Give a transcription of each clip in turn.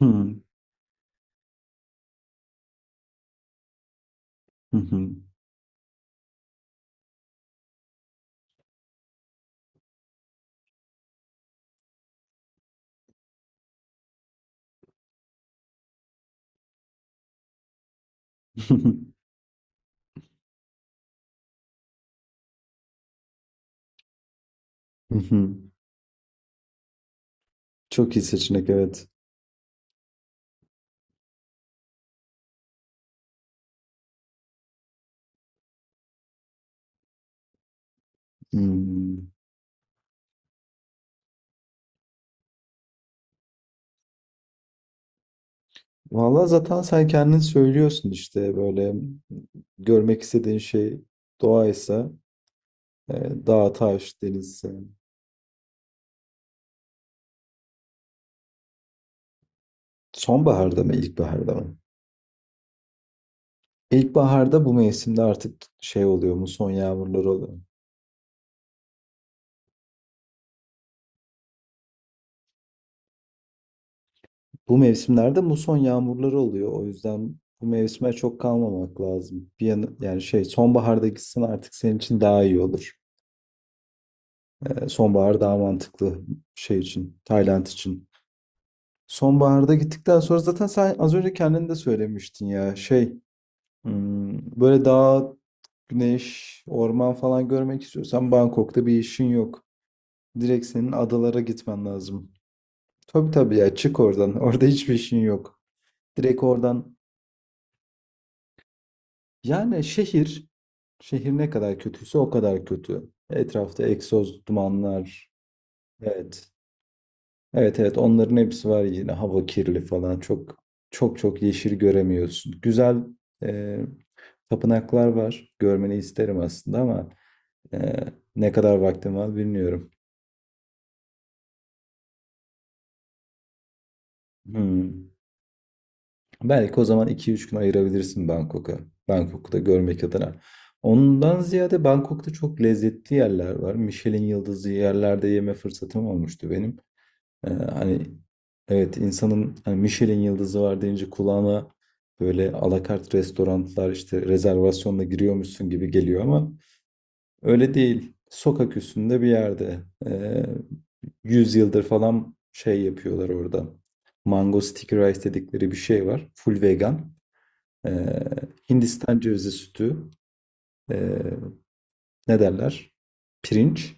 Hımm. Hı hı. Hı hı. Çok iyi seçenek, evet. Hımm. Valla zaten sen kendin söylüyorsun işte böyle görmek istediğin şey doğaysa, dağ, taş, deniz denizse. Sonbaharda mı, ilkbaharda mı? İlkbaharda bu mevsimde artık şey oluyor, muson yağmurları oluyor. Bu mevsimlerde muson yağmurları oluyor. O yüzden bu mevsime çok kalmamak lazım. Bir yana, yani şey sonbaharda gitsen artık senin için daha iyi olur. E, sonbahar daha mantıklı şey için, Tayland için. Sonbaharda gittikten sonra zaten sen az önce kendin de söylemiştin ya şey böyle dağ, güneş, orman falan görmek istiyorsan Bangkok'ta bir işin yok. Direkt senin adalara gitmen lazım. Tabii tabii ya, çık oradan. Orada hiçbir işin yok. Direkt oradan yani şehir, şehir ne kadar kötüyse o kadar kötü. Etrafta egzoz dumanlar. Evet. Evet evet, onların hepsi var, yine hava kirli falan, çok çok çok yeşil göremiyorsun. Güzel e, tapınaklar var, görmeni isterim aslında ama e, ne kadar vaktim var bilmiyorum. Hmm. Belki o zaman 2-3 gün ayırabilirsin Bangkok'a. Bangkok'ta görmek adına. Ondan ziyade Bangkok'ta çok lezzetli yerler var. Michelin yıldızı yerlerde yeme fırsatım olmuştu benim. Hani evet, insanın hani Michelin yıldızı var deyince kulağına böyle alakart restoranlar işte rezervasyonla giriyormuşsun gibi geliyor ama öyle değil. Sokak üstünde bir yerde ee, 100 yıldır falan şey yapıyorlar orada. Mango sticky rice dedikleri bir şey var. Full vegan. Ee, Hindistan cevizi sütü. ee, Ne derler? Pirinç.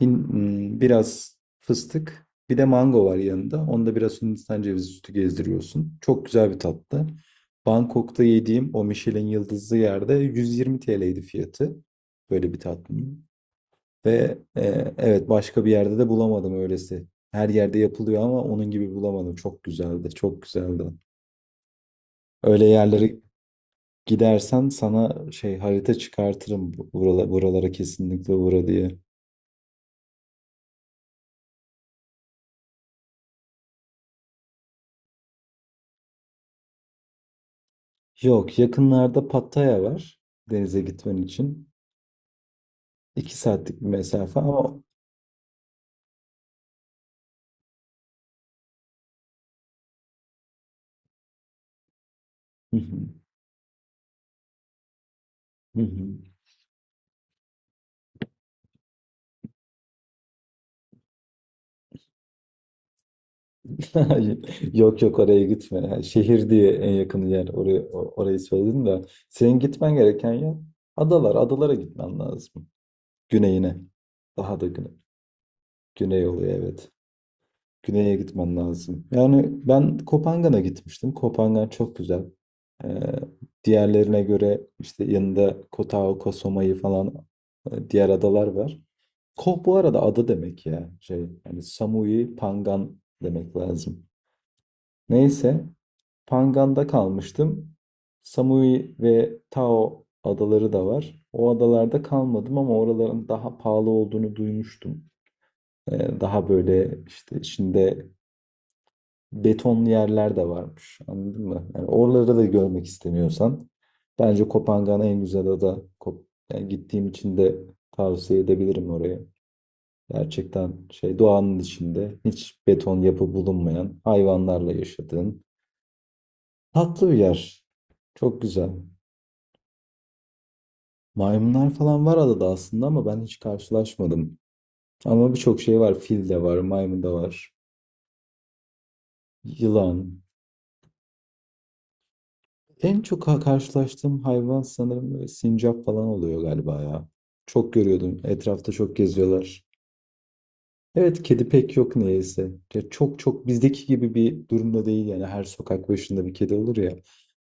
Biraz fıstık, bir de mango var yanında. Onda biraz Hindistan cevizi sütü gezdiriyorsun. Çok güzel bir tatlı. Bangkok'ta yediğim o Michelin yıldızlı yerde 120 TL'ydi fiyatı. Böyle bir tatlının. Ve evet, başka bir yerde de bulamadım öylesi. Her yerde yapılıyor ama onun gibi bulamadım. Çok güzeldi, çok güzeldi. Öyle yerlere gidersen sana şey harita çıkartırım. Buralara, buralara kesinlikle uğra diye. Yok, yakınlarda Pattaya var denize gitmen için. 2 saatlik bir mesafe ama. Hı hı, hı hı. Yok yok, oraya gitme. Yani şehir diye en yakın yer oraya, orayı söyledim de. Senin gitmen gereken yer adalar. Adalara gitmen lazım. Güneyine. Daha da güney oluyor, evet. Güney'e gitmen lazım. Yani ben Kopangan'a gitmiştim. Kopangan çok güzel. Ee, Diğerlerine göre işte yanında Kota Oka, Soma'yı falan diğer adalar var. Koh bu arada ada demek ya. Şey, yani Samui Pangan demek lazım. Neyse Pangan'da kalmıştım. Samui ve Tao adaları da var. O adalarda kalmadım ama oraların daha pahalı olduğunu duymuştum. Daha böyle işte içinde betonlu yerler de varmış. Anladın mı? Yani oraları da görmek istemiyorsan bence Kopangan en güzel ada. Yani gittiğim için de tavsiye edebilirim orayı. Gerçekten şey doğanın içinde hiç beton yapı bulunmayan, hayvanlarla yaşadığın tatlı bir yer. Çok güzel. Maymunlar falan var adada aslında ama ben hiç karşılaşmadım. Ama birçok şey var. Fil de var, maymun da var. Yılan. En çok karşılaştığım hayvan sanırım böyle sincap falan oluyor galiba ya. Çok görüyordum. Etrafta çok geziyorlar. Evet, kedi pek yok neyse. Ya çok çok bizdeki gibi bir durumda değil yani, her sokak başında bir kedi olur ya.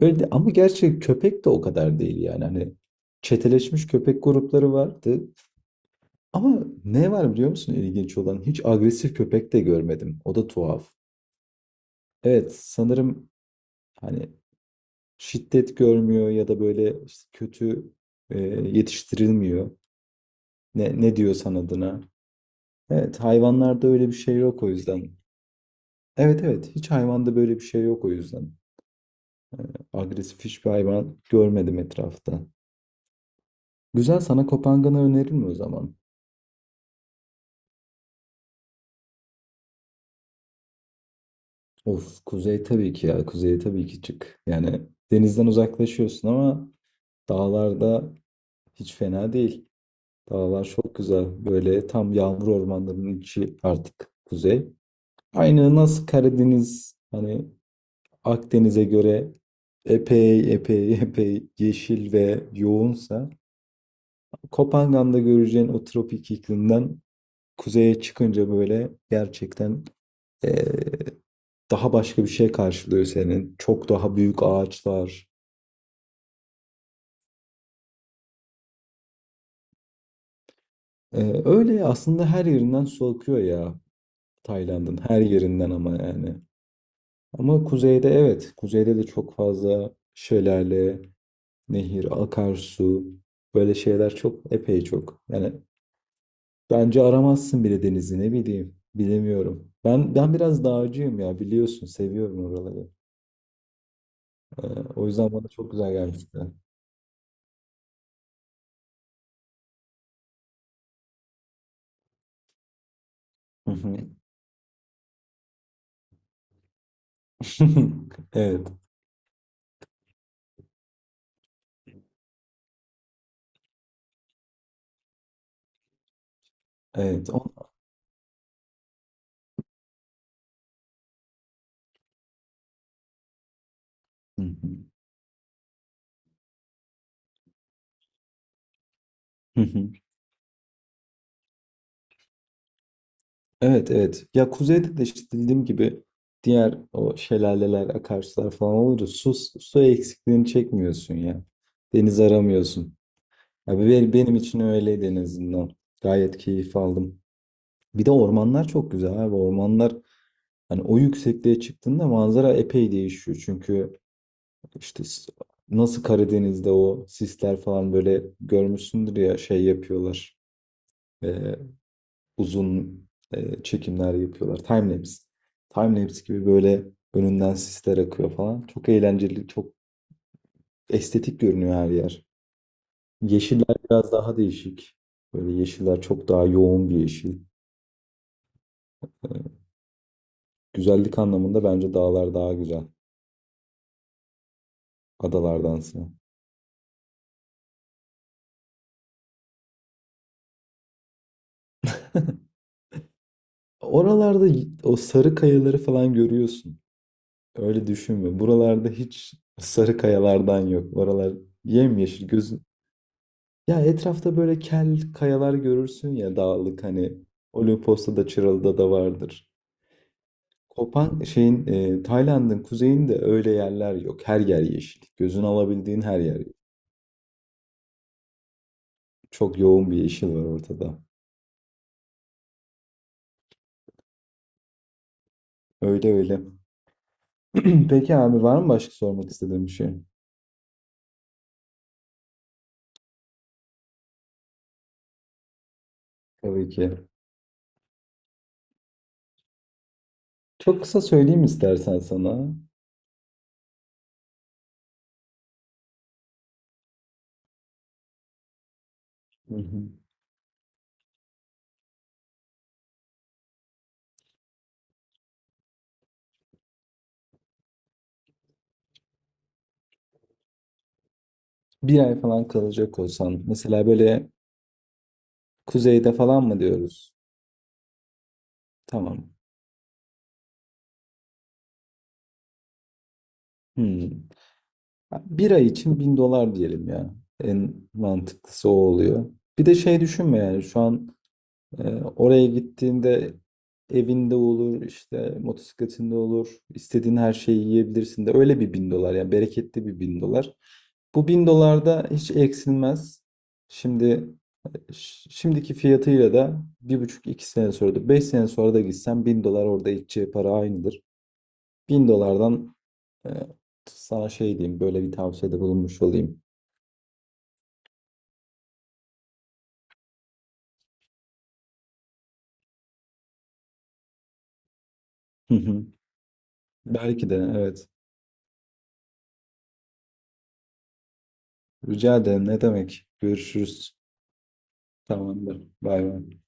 Ama gerçi köpek de o kadar değil yani. Hani çeteleşmiş köpek grupları vardı. Ama ne var biliyor musun ilginç olan? Hiç agresif köpek de görmedim. O da tuhaf. Evet sanırım hani şiddet görmüyor ya da böyle işte kötü yetiştirilmiyor. Ne diyorsan adına. Evet, hayvanlarda öyle bir şey yok o yüzden. Evet evet, hiç hayvanda böyle bir şey yok o yüzden. Agresif hiçbir hayvan görmedim etrafta. Güzel, sana Kopangan'ı öneririm o zaman. Of, kuzey tabii ki ya, kuzeye tabii ki çık. Yani denizden uzaklaşıyorsun ama dağlarda hiç fena değil. Dağlar çok güzel. Böyle tam yağmur ormanlarının içi artık kuzey. Aynı nasıl Karadeniz hani Akdeniz'e göre epey epey epey yeşil ve yoğunsa Kopangan'da göreceğin o tropik iklimden kuzeye çıkınca böyle gerçekten eee, daha başka bir şey karşılıyor senin. Çok daha büyük ağaçlar. Öyle aslında her yerinden su akıyor ya, Tayland'ın her yerinden ama yani. Ama kuzeyde, evet, kuzeyde de çok fazla şelale, nehir, akarsu, böyle şeyler çok epey çok. Yani bence aramazsın bile denizi, ne bileyim. Bilemiyorum. Ben biraz dağcıyım ya, biliyorsun. Seviyorum oraları. Ee, O yüzden bana çok güzel gelmişti. Hı hı. Evet. Evet. Hı hı. Hı hı. Evet, evet. Ya kuzeyde de işte dediğim gibi diğer o şelaleler, akarsular falan olunca su eksikliğini çekmiyorsun ya. Deniz aramıyorsun. Abi benim için öyleydi en azından. Gayet keyif aldım. Bir de ormanlar çok güzel abi. Ormanlar hani o yüksekliğe çıktığında manzara epey değişiyor. Çünkü işte nasıl Karadeniz'de o sisler falan böyle görmüşsündür ya, şey yapıyorlar. Ee, Uzun çekimler yapıyorlar. Timelapse. Timelapse gibi böyle önünden sisler akıyor falan. Çok eğlenceli, çok estetik görünüyor her yer. Yeşiller biraz daha değişik. Böyle yeşiller çok daha yoğun bir yeşil. Güzellik anlamında bence dağlar daha güzel. Adalardansa. Oralarda o sarı kayaları falan görüyorsun. Öyle düşünme. Buralarda hiç sarı kayalardan yok. Oralar yemyeşil gözün. Ya etrafta böyle kel kayalar görürsün ya dağlık hani, Olimpos'ta da Çıralı'da da vardır. Tayland'ın kuzeyinde öyle yerler yok. Her yer yeşil. Gözün alabildiğin her yer. Çok yoğun bir yeşil var ortada. Öyle öyle. Peki abi, var mı başka sormak istediğim bir şey? Tabii ki. Çok kısa söyleyeyim istersen sana. Hı hı. Bir ay falan kalacak olsan. Mesela böyle kuzeyde falan mı diyoruz? Tamam. Hmm. Bir ay için 1.000 dolar diyelim ya. En mantıklısı o oluyor. Bir de şey düşünme yani, şu an oraya gittiğinde evinde olur, işte motosikletinde olur, istediğin her şeyi yiyebilirsin de, öyle bir 1.000 dolar yani, bereketli bir 1.000 dolar. Bu 1.000 dolar da hiç eksilmez. Şimdi şimdiki fiyatıyla da 1,5-2 sene sonra da 5 sene sonra da gitsen 1.000 dolar orada edeceği para aynıdır. 1.000 dolardan e, sana şey diyeyim, böyle bir tavsiyede bulunmuş olayım. Hı hı. Belki de evet. Rica ederim, ne demek. Görüşürüz. Tamamdır. Bay bay.